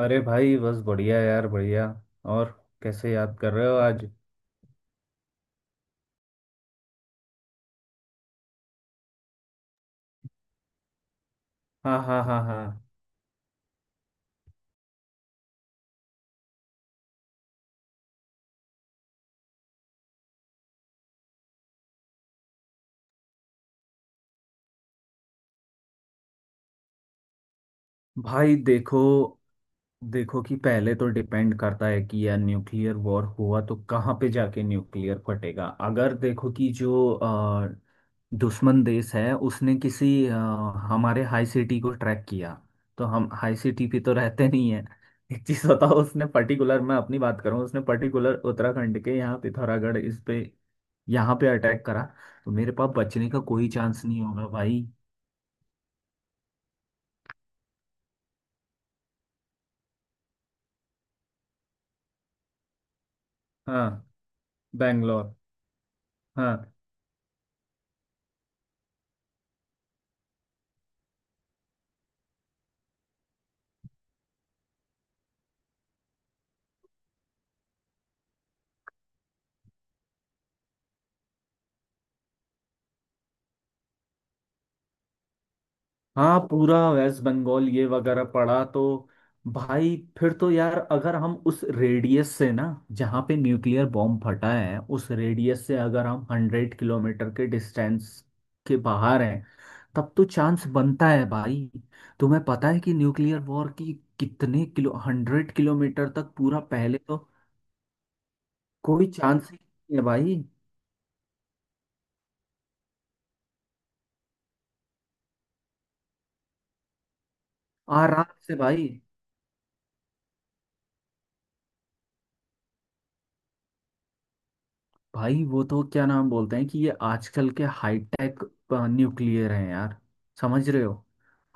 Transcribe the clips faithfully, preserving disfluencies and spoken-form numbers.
अरे भाई, बस बढ़िया यार, बढ़िया। और कैसे याद कर रहे हो आज? हाँ हाँ हाँ हाँ। भाई देखो, देखो कि पहले तो डिपेंड करता है कि यार न्यूक्लियर वॉर हुआ तो कहाँ पे जाके न्यूक्लियर फटेगा। अगर देखो कि जो अ, दुश्मन देश है उसने किसी अ, हमारे हाई सिटी को ट्रैक किया, तो हम हाई सिटी पे तो रहते नहीं है। एक चीज बताओ, उसने पर्टिकुलर, मैं अपनी बात करूँ, उसने पर्टिकुलर उत्तराखंड के यहाँ पिथौरागढ़ इस पे, यहाँ पे अटैक करा, तो मेरे पास बचने का कोई चांस नहीं होगा भाई। हाँ। बैंगलोर। हाँ। हाँ, पूरा वेस्ट बंगाल ये वगैरह पड़ा तो। भाई फिर तो यार, अगर हम उस रेडियस से ना, जहाँ पे न्यूक्लियर बॉम्ब फटा है, उस रेडियस से अगर हम हंड्रेड किलोमीटर के डिस्टेंस के बाहर हैं, तब तो चांस बनता है भाई। तुम्हें पता है कि न्यूक्लियर वॉर की कितने किलो, हंड्रेड किलोमीटर तक पूरा, पहले तो कोई चांस ही नहीं है भाई। आराम से भाई। भाई वो तो क्या नाम बोलते हैं कि ये आजकल के हाईटेक न्यूक्लियर हैं यार, समझ रहे हो।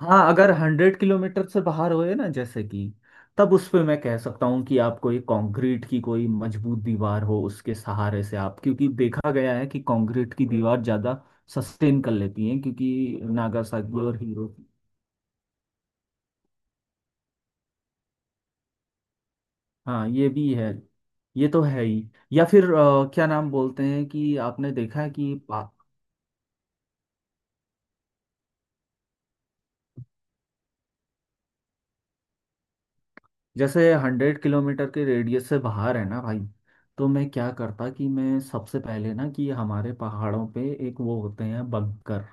हाँ, अगर हंड्रेड किलोमीटर से बाहर होए ना, जैसे कि, तब उस पे मैं कह सकता हूँ कि आप कोई कंक्रीट की कोई मजबूत दीवार हो उसके सहारे से आप, क्योंकि देखा गया है कि कंक्रीट की दीवार ज़्यादा सस्टेन कर लेती है, क्योंकि नागासाकी और हीरो। हाँ ये भी है, ये तो है ही। या फिर अ, क्या नाम बोलते हैं कि आपने देखा है कि पा- जैसे हंड्रेड किलोमीटर के रेडियस से बाहर है ना भाई, तो मैं क्या करता कि मैं सबसे पहले ना कि हमारे पहाड़ों पे एक वो होते हैं बंकर,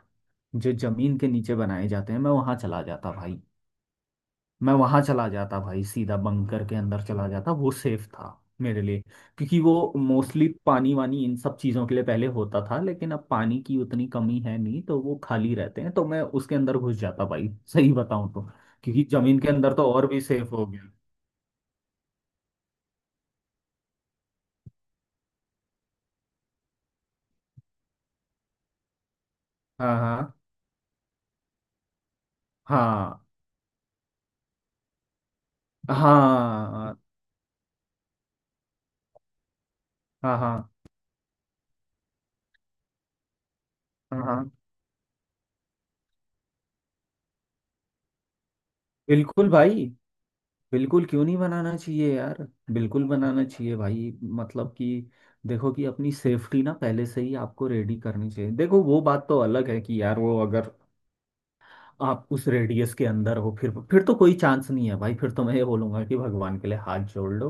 जो जमीन के नीचे बनाए जाते हैं, मैं वहां चला जाता भाई। मैं वहां चला जाता भाई सीधा बंकर के अंदर, चला जाता। वो सेफ था मेरे लिए, क्योंकि वो मोस्टली पानी वानी इन सब चीजों के लिए पहले होता था, लेकिन अब पानी की उतनी कमी है नहीं तो वो खाली रहते हैं, तो मैं उसके अंदर घुस जाता भाई, सही बताऊं तो। क्योंकि जमीन के अंदर तो और भी सेफ हो गया। हाँ हाँ। हाँ हाँ। हाँ हाँ। हाँ हाँ। बिल्कुल भाई, बिल्कुल क्यों नहीं बनाना चाहिए यार, बिल्कुल बनाना चाहिए भाई। मतलब कि देखो कि अपनी सेफ्टी ना पहले से ही आपको रेडी करनी चाहिए। देखो वो बात तो अलग है कि यार वो अगर आप उस रेडियस के अंदर हो, फिर फिर तो कोई चांस नहीं है भाई, फिर तो मैं ये बोलूंगा कि भगवान के लिए हाथ जोड़ लो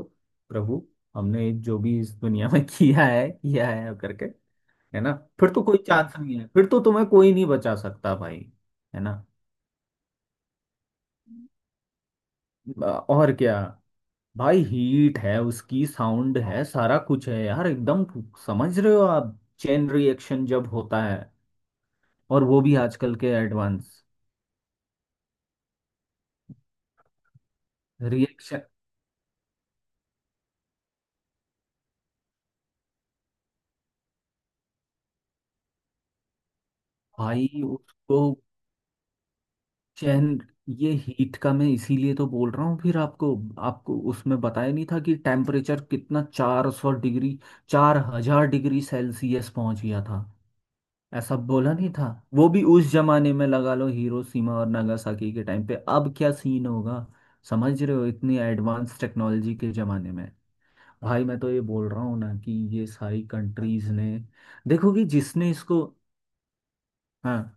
प्रभु, हमने जो भी इस दुनिया में किया है किया है करके। है ना, फिर तो कोई चांस नहीं है, फिर तो तुम्हें कोई नहीं बचा सकता भाई। है ना, और क्या। भाई हीट है, उसकी साउंड है, सारा कुछ है यार एकदम। समझ रहे हो, आप चेन रिएक्शन जब होता है, और वो भी आजकल के एडवांस रिएक्शन। भाई उसको चेन, ये हीट का मैं इसीलिए तो बोल रहा हूँ। फिर आपको, आपको उसमें बताया नहीं था कि टेम्परेचर कितना चार सौ डिग्री, चार हजार डिग्री सेल्सियस पहुंच गया था, ऐसा बोला नहीं था। वो भी उस जमाने में लगा लो हिरोशिमा और नागासाकी के टाइम पे, अब क्या सीन होगा, समझ रहे हो, इतनी एडवांस टेक्नोलॉजी के जमाने में। भाई मैं तो ये बोल रहा हूँ ना कि ये सारी कंट्रीज ने, देखो कि जिसने इसको। हाँ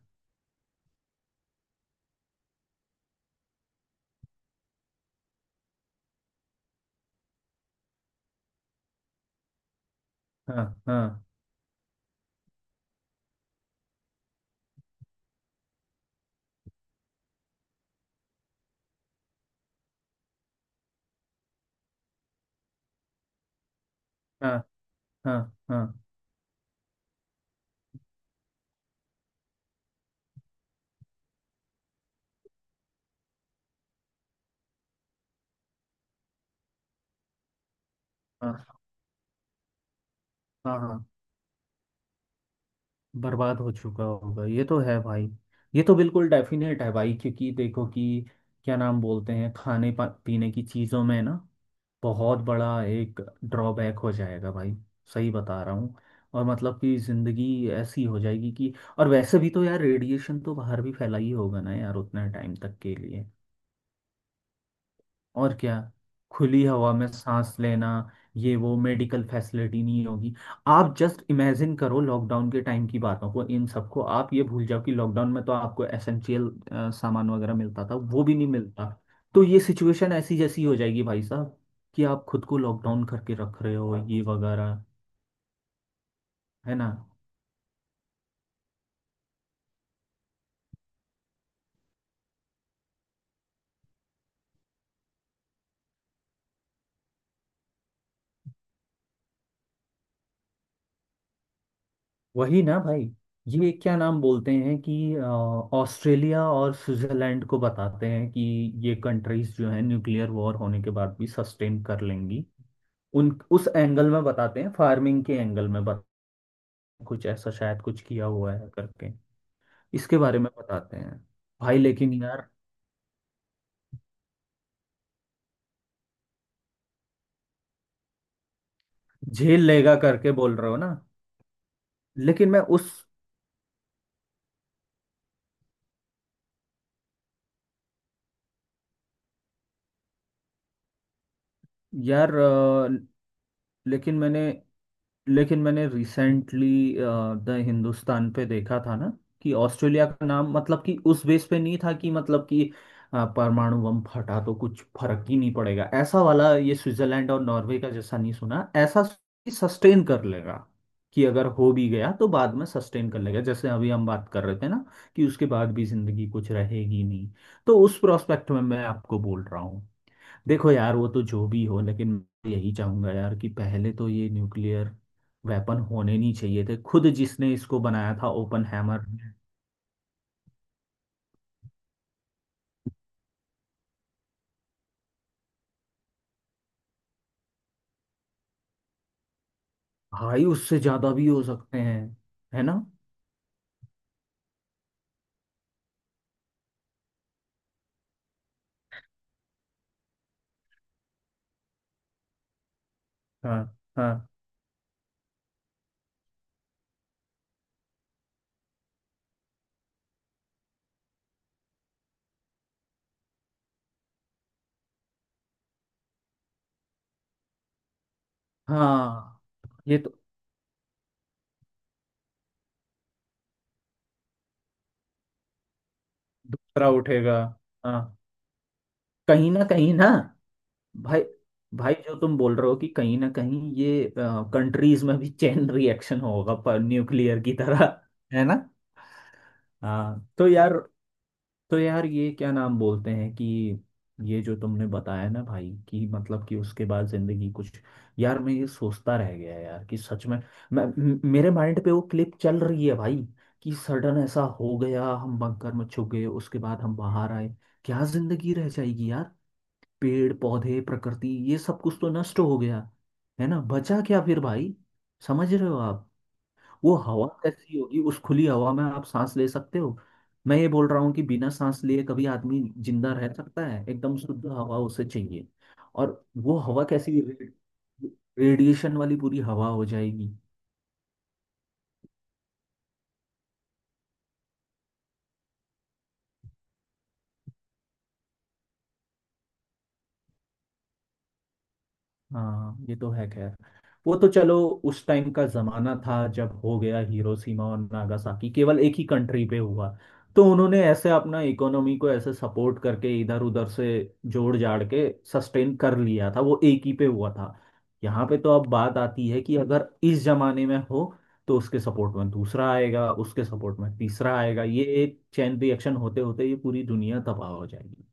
हाँ। हाँ हाँ। हाँ हाँ। हाँ हाँ, हाँ, बर्बाद हो चुका होगा ये तो है भाई। ये तो बिल्कुल डेफिनेट है भाई, क्योंकि देखो कि क्या नाम बोलते हैं, खाने पा- पीने की चीज़ों में ना बहुत बड़ा एक ड्रॉबैक हो जाएगा भाई, सही बता रहा हूँ। और मतलब कि ज़िंदगी ऐसी हो जाएगी कि, और वैसे भी तो यार रेडिएशन तो बाहर भी फैला ही होगा ना यार, उतना टाइम तक के लिए। और क्या, खुली हवा में सांस लेना, ये वो मेडिकल फैसिलिटी नहीं होगी। आप जस्ट इमेजिन करो लॉकडाउन के टाइम की बातों को इन सबको, आप ये भूल जाओ कि लॉकडाउन में तो आपको एसेंशियल सामान वगैरह मिलता था, वो भी नहीं मिलता। तो ये सिचुएशन ऐसी जैसी हो जाएगी भाई साहब कि आप खुद को लॉकडाउन करके रख रहे हो ये वगैरह। है ना, वही ना भाई। ये क्या नाम बोलते हैं कि अ, ऑस्ट्रेलिया और स्विट्जरलैंड को बताते हैं कि ये कंट्रीज जो है न्यूक्लियर वॉर होने के बाद भी सस्टेन कर लेंगी। उन, उस एंगल में बताते हैं, फार्मिंग के एंगल में बताते हैं, कुछ ऐसा शायद कुछ किया हुआ है करके, इसके बारे में बताते हैं। भाई लेकिन यार, झेल लेगा करके बोल रहे हो ना। लेकिन मैं उस, यार अ, लेकिन मैंने, लेकिन मैंने रिसेंटली द हिंदुस्तान पे देखा था ना कि ऑस्ट्रेलिया का नाम मतलब कि उस बेस पे नहीं था कि मतलब कि अ, परमाणु बम फटा तो कुछ फर्क ही नहीं पड़ेगा ऐसा वाला। ये स्विट्जरलैंड और नॉर्वे का जैसा नहीं सुना ऐसा सस्टेन कर लेगा, कि अगर हो भी गया तो बाद में सस्टेन कर लेगा, जैसे अभी हम बात कर रहे थे ना कि उसके बाद भी जिंदगी कुछ रहेगी नहीं, तो उस प्रोस्पेक्ट में मैं आपको बोल रहा हूँ। देखो यार वो तो जो भी हो, लेकिन मैं यही चाहूंगा यार कि पहले तो ये न्यूक्लियर वेपन होने नहीं चाहिए थे, खुद जिसने इसको बनाया था ओपन हैमर। भाई उससे ज्यादा भी हो सकते हैं, है ना। हाँ हाँ। हाँ। ये तो, दूसरा उठेगा। हाँ, कहीं ना कहीं ना। भाई, भाई जो तुम बोल रहे हो कि कहीं ना कहीं ये कंट्रीज में भी चेन रिएक्शन होगा, पर न्यूक्लियर की तरह। है ना। हाँ, तो यार, तो यार ये क्या नाम बोलते हैं कि ये जो तुमने बताया ना भाई, कि मतलब कि उसके बाद जिंदगी कुछ, यार मैं ये सोचता रह गया यार कि सच में, मैं म- मेरे माइंड पे वो क्लिप चल रही है भाई, कि सडन ऐसा हो गया, हम बंकर में छुप गए, उसके बाद हम बाहर आए, क्या जिंदगी रह जाएगी यार। पेड़ पौधे प्रकृति ये सब कुछ तो नष्ट हो गया, है ना, बचा क्या फिर भाई, समझ रहे हो आप। वो हवा कैसी होगी, उस खुली हवा में आप सांस ले सकते हो? मैं ये बोल रहा हूँ कि बिना सांस लिए कभी आदमी जिंदा रह सकता है? एकदम शुद्ध हवा उसे चाहिए। और वो हवा कैसी, रेडिएशन वाली पूरी हवा हो जाएगी। हाँ ये तो है खैर। वो तो चलो, उस टाइम का जमाना था जब हो गया हिरोशिमा और नागासाकी, केवल एक ही कंट्री पे हुआ, तो उन्होंने ऐसे अपना इकोनॉमी को ऐसे सपोर्ट करके इधर उधर से जोड़ जाड़ के सस्टेन कर लिया था। वो एक ही पे हुआ था। यहाँ पे तो अब बात आती है कि अगर इस जमाने में हो, तो उसके सपोर्ट में दूसरा आएगा, उसके सपोर्ट में तीसरा आएगा, ये एक चैन रिएक्शन होते होते ये पूरी दुनिया तबाह हो जाएगी।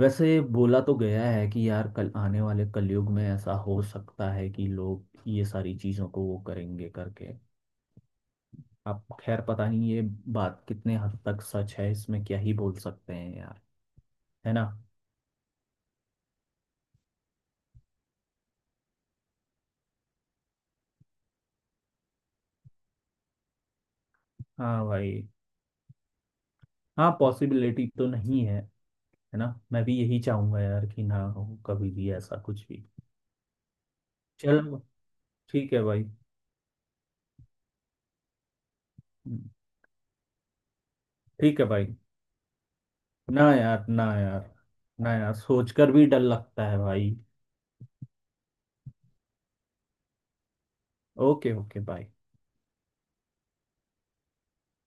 वैसे बोला तो गया है कि यार कल आने वाले कलयुग में ऐसा हो सकता है कि लोग ये सारी चीज़ों को वो करेंगे करके। अब खैर पता नहीं ये बात कितने हद तक सच है, इसमें क्या ही बोल सकते हैं यार। है ना। हाँ भाई, हाँ पॉसिबिलिटी तो नहीं है, है ना। मैं भी यही चाहूंगा यार कि ना हो कभी भी ऐसा कुछ भी। चलो ठीक है भाई, ठीक है भाई। ना यार, ना यार, ना यार, सोचकर भी डर लगता है भाई। Okay okay bye.